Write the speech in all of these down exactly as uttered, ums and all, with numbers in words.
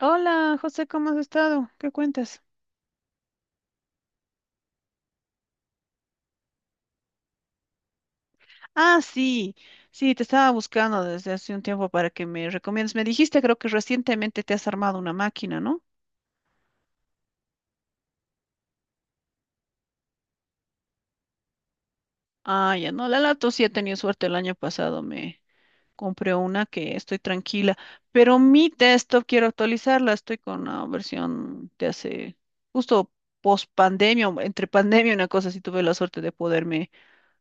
Hola, José, ¿cómo has estado? ¿Qué cuentas? Ah, sí, sí, te estaba buscando desde hace un tiempo para que me recomiendes. Me dijiste, creo que recientemente te has armado una máquina, ¿no? Ah, ya no, la Lato sí he tenido suerte el año pasado, me compré una que estoy tranquila, pero mi desktop quiero actualizarla, estoy con una versión de hace justo post pandemia, entre pandemia, una cosa, si tuve la suerte de poderme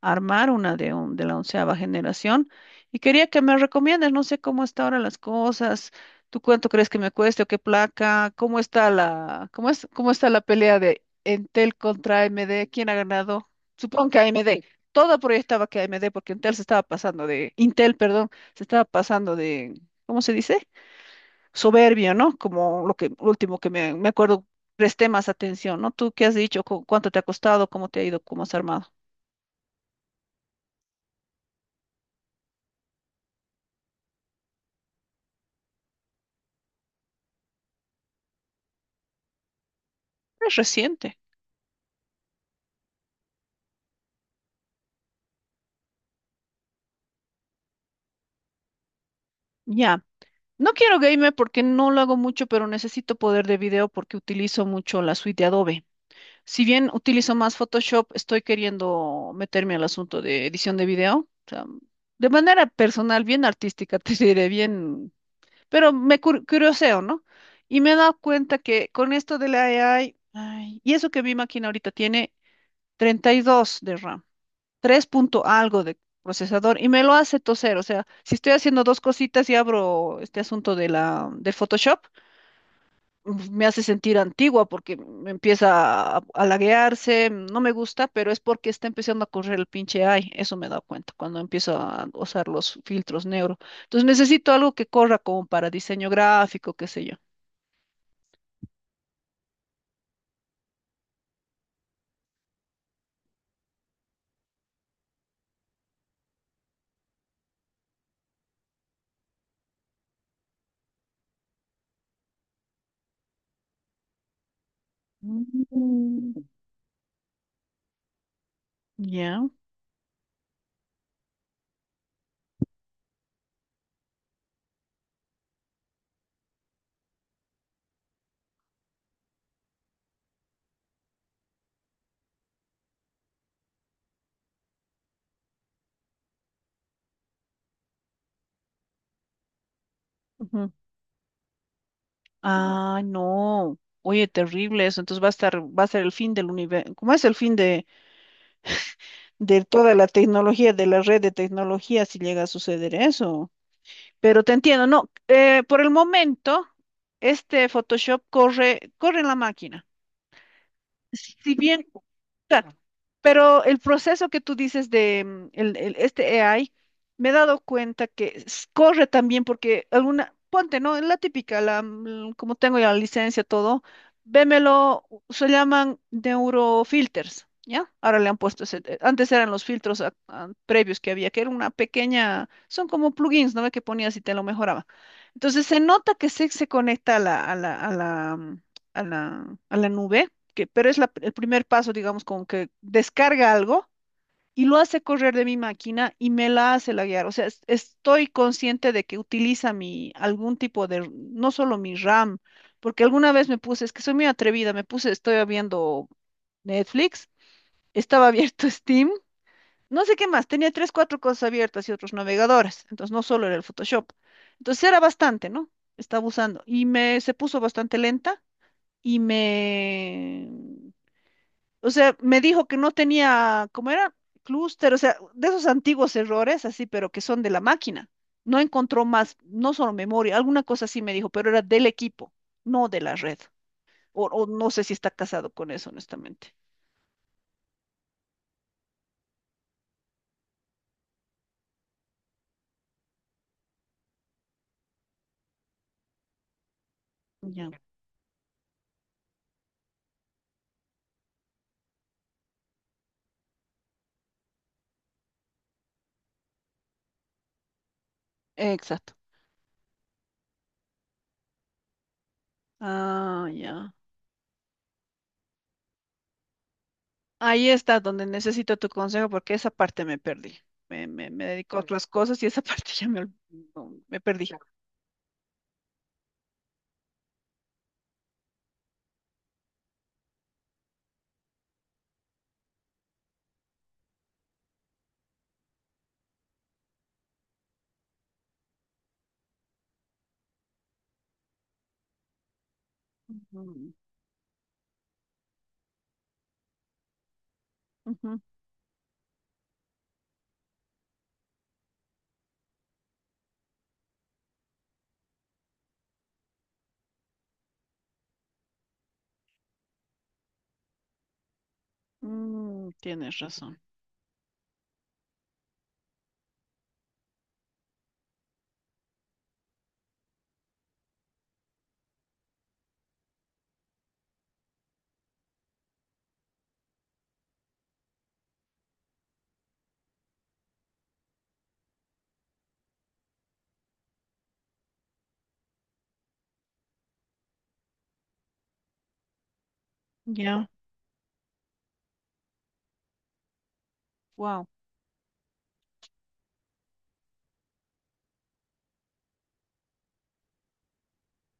armar una de, un- de la onceava generación y quería que me recomiendes, no sé cómo está ahora las cosas, tú cuánto crees que me cueste o qué placa, cómo está la, cómo es, cómo está la pelea de Entel contra A M D, quién ha ganado, supongo que A M D. Todo proyectaba que A M D, porque Intel se estaba pasando de, Intel, perdón, se estaba pasando de, ¿cómo se dice? Soberbio, ¿no? Como lo que, lo último que me, me acuerdo, presté más atención, ¿no? ¿Tú qué has dicho? ¿Cu- ¿Cuánto te ha costado? ¿Cómo te ha ido? ¿Cómo has armado? Es reciente. Ya. No quiero gamer porque no lo hago mucho, pero necesito poder de video porque utilizo mucho la suite de Adobe. Si bien utilizo más Photoshop, estoy queriendo meterme al asunto de edición de video. O sea, de manera personal, bien artística, te diré, bien, pero me cur- curioseo, ¿no? Y me he dado cuenta que con esto de la A I, ay, y eso que mi máquina ahorita tiene treinta y dos de RAM tres punto algo de procesador y me lo hace toser. O sea, si estoy haciendo dos cositas y abro este asunto de la, de Photoshop, uf, me hace sentir antigua porque me empieza a, a laguearse, no me gusta, pero es porque está empezando a correr el pinche A I. Eso me he dado cuenta cuando empiezo a usar los filtros neuro. Entonces necesito algo que corra como para diseño gráfico, qué sé yo. Mm. Ya. Ujú. Ah, no. Oye, terrible eso. Entonces va a estar, va a ser el fin del universo. ¿Cómo es el fin de, de toda la tecnología, de la red de tecnología, si llega a suceder eso? Pero te entiendo, no. Eh, por el momento, este Photoshop corre, corre en la máquina. Si bien, claro, pero el proceso que tú dices de mm, el- el- este A I, me he dado cuenta que s- corre también porque alguna, ponte, ¿no? La típica, la, mm, como tengo ya la licencia, todo, vémelo, u- se llaman neurofilters, ¿ya? Ahora le han puesto ese, eh, antes eran los filtros a- a- previos que había, que era una pequeña, son como plugins, ¿no? Que ponías y te lo mejoraba. Entonces se nota que se, se conecta a la, a la, a la, mm, a la, a la nube que, pero es la- el primer paso, digamos, como que descarga algo y lo hace correr de mi máquina y me la hace laguear. O sea, es- estoy consciente de que utiliza mi, algún tipo de, no solo mi RAM, porque alguna vez me puse, es que soy muy atrevida, me puse, estoy viendo Netflix, estaba abierto Steam, no sé qué más, tenía tres, cuatro cosas abiertas y otros navegadores, entonces no solo era el Photoshop. Entonces era bastante, ¿no? Estaba usando y me se puso bastante lenta y me, o sea, me dijo que no tenía, ¿cómo era? Clúster, o sea, de esos antiguos errores, así, pero que son de la máquina. No encontró más, no solo memoria, alguna cosa así me dijo, pero era del equipo, no de la red. O, o no sé si está casado con eso, honestamente. Ya, exacto. Ah, ya. Ahí está donde necesito tu consejo porque esa parte me perdí. Me, me, me dedico a Vale. Otras cosas y esa parte ya me, ol- no, me perdí. Ujú, ujú. Mm, tienes razón. Ya, wow,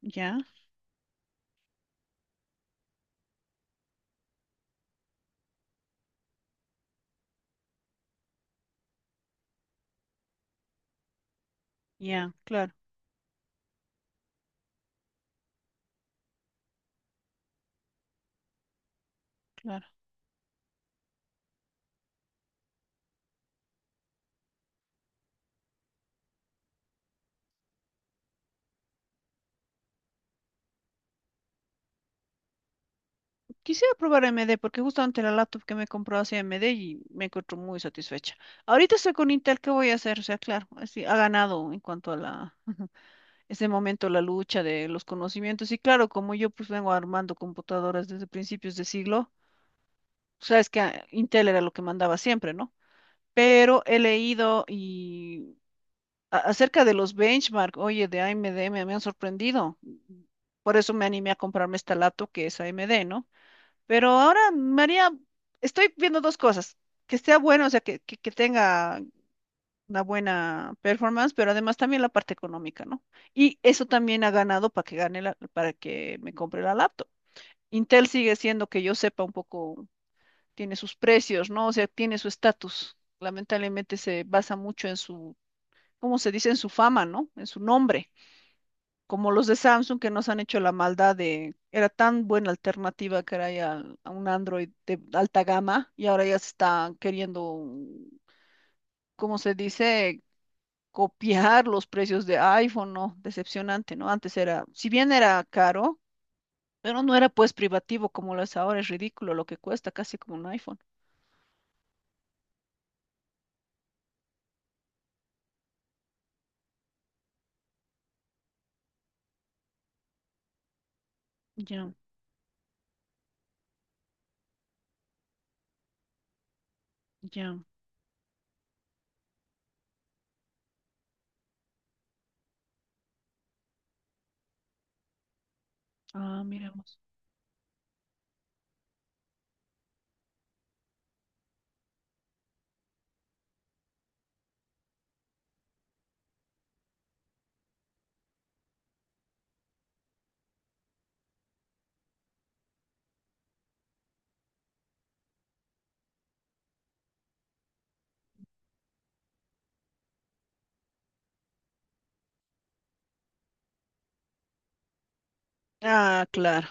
ya. Ya, claro, claro. Quisiera probar A M D porque justamente la laptop que me compró hace A M D y me encuentro muy satisfecha. Ahorita estoy con Intel, ¿qué voy a hacer? O sea, claro, así ha ganado en cuanto a la ese momento la lucha de los conocimientos. Y claro, como yo pues vengo armando computadoras desde principios de siglo, sabes que ah, Intel era lo que mandaba siempre, ¿no? Pero he leído y a- acerca de los benchmark, oye, de A M D me, me han sorprendido. Por eso me animé a comprarme esta laptop que es A M D, ¿no? Pero ahora, María, estoy viendo dos cosas. Que sea bueno, o sea, que, que, que tenga una buena performance, pero además también la parte económica, ¿no? Y eso también ha ganado para que gane la- para que me compre la laptop. Intel sigue siendo que yo sepa un poco, tiene sus precios, ¿no? O sea, tiene su estatus. Lamentablemente se basa mucho en su, ¿cómo se dice? En su fama, ¿no? En su nombre como los de Samsung que nos han hecho la maldad de, era tan buena alternativa que era ya al, a un Android de alta gama y ahora ya se están queriendo, ¿cómo se dice? Copiar los precios de iPhone, ¿no? Decepcionante, ¿no? Antes era, si bien era caro, pero no era pues privativo como lo es ahora, es ridículo lo que cuesta, casi como un iPhone. Ya, ya. Ah, miremos. Ah, claro.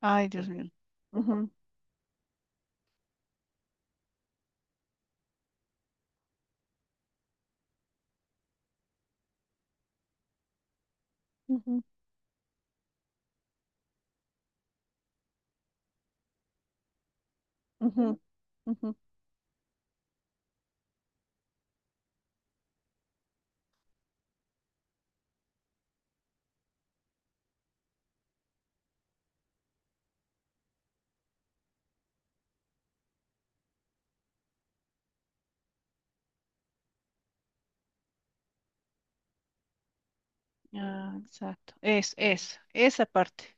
Ay, Dios mío. Ujú, ujú, ujú, ujú. Ah, exacto. Es, es, esa parte.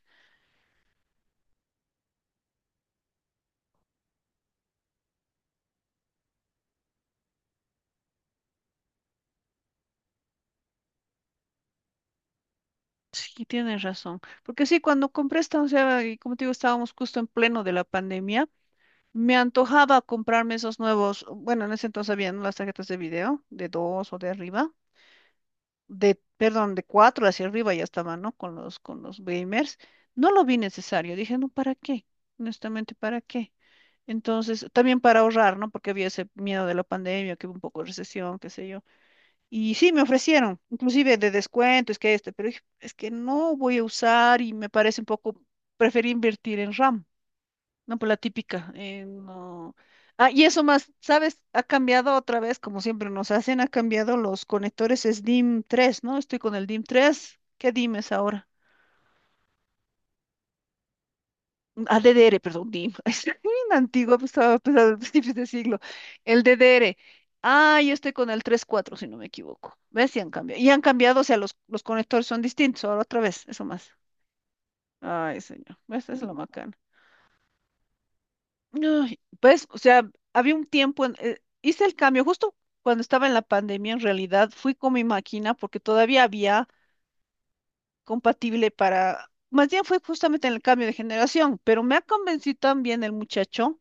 Sí, tienes razón. Porque sí, cuando compré esta onceava, y como te digo, estábamos justo en pleno de la pandemia, me antojaba comprarme esos nuevos, bueno, en ese entonces habían las tarjetas de video, de dos o de arriba, de, perdón, de cuatro hacia arriba ya estaban, ¿no? Con los, con los gamers. No lo vi necesario. Dije, no, ¿para qué? Honestamente, ¿para qué? Entonces, también para ahorrar, ¿no? Porque había ese miedo de la pandemia, que hubo un poco de recesión, qué sé yo. Y sí, me ofrecieron, inclusive de descuento, es que este, pero dije, es que no voy a usar y me parece un poco, preferí invertir en RAM, no por la típica. en, ah, ah, y eso más, ¿sabes? Ha cambiado otra vez, como siempre nos hacen, ha cambiado los conectores S D I M tres, ¿no? Estoy con el DIM tres, ¿qué DIM es ahora? Ah, DDR, perdón, D I M. Es bien antiguo, pues estaba pues, a principios de siglo. El D D R. Ah, yo estoy con el tres punto cuatro, si no me equivoco. ¿Ves? Y han cambiado. Y han cambiado, o sea, los, los conectores son distintos. Ahora otra vez, eso más. Ay, señor. ¿Ves? Es lo macana. Ay, pues, o sea, había un tiempo, en- eh, hice el cambio justo cuando estaba en la pandemia, en realidad fui con mi máquina porque todavía había compatible para, más bien fue justamente en el cambio de generación, pero me ha convencido también el muchacho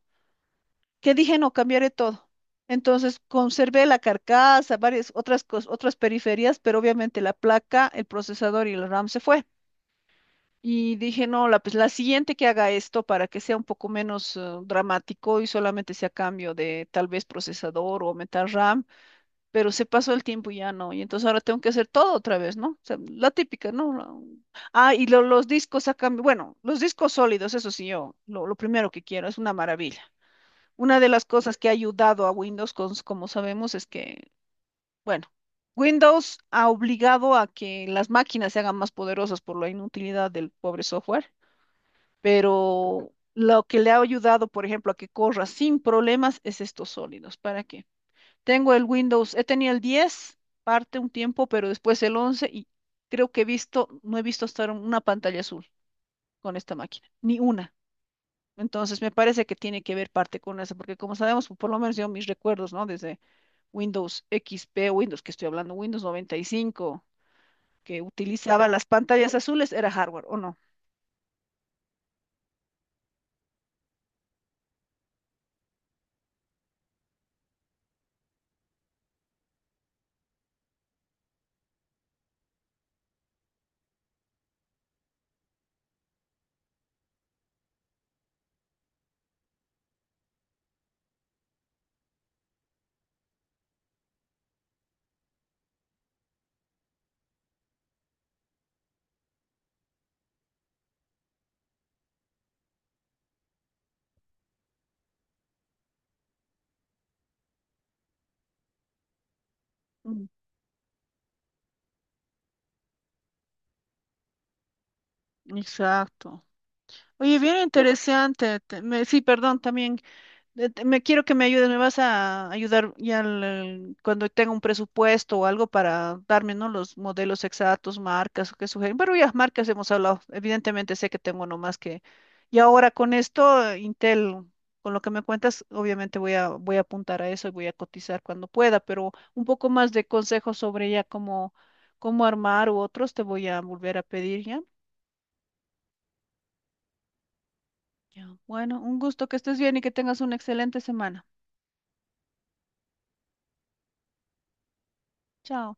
que dije, no, cambiaré todo. Entonces conservé la carcasa, varias otras cos- otras periferias, pero obviamente la placa, el procesador y el RAM se fue. Y dije, no, la, pues la siguiente que haga esto para que sea un poco menos eh, dramático y solamente sea cambio de tal vez procesador o aumentar RAM, pero se pasó el tiempo y ya no. Y entonces ahora tengo que hacer todo otra vez, ¿no? O sea, la típica, ¿no? La- Ah, y lo- los discos a cambio, bueno, los discos sólidos, eso sí, yo, lo, lo primero que quiero, es una maravilla. Una de las cosas que ha ayudado a Windows, cons- como sabemos, es que, bueno, Windows ha obligado a que las máquinas se hagan más poderosas por la inutilidad del pobre software, pero lo que le ha ayudado, por ejemplo, a que corra sin problemas es estos sólidos. ¿Para qué? Tengo el Windows, he tenido el diez, parte un tiempo, pero después el once y creo que he visto, no he visto hasta ahora una pantalla azul con esta máquina, ni una. Entonces me parece que tiene que ver parte con eso, porque como sabemos, por lo menos yo mis recuerdos, ¿no? Desde Windows X P, Windows, que estoy hablando, Windows noventa y cinco, que utilizaba las pantallas azules, era hardware, ¿o no? Mm. Exacto. Oye, bien interesante. te- me- sí, perdón, también. Eh, te- Me quiero que me ayudes, me vas a ayudar ya al- al- cuando tenga un presupuesto o algo para darme, ¿no? Los modelos exactos, marcas, qué sugieren. Pero ya marcas hemos hablado. Evidentemente sé que tengo nomás que. Y ahora con esto, eh, Intel, con lo que me cuentas, obviamente voy a, voy a apuntar a eso y voy a cotizar cuando pueda, pero un poco más de consejos sobre ya cómo, cómo armar u otros te voy a volver a pedir ya. Ya. Bueno, un gusto que estés bien y que tengas una excelente semana. Chao.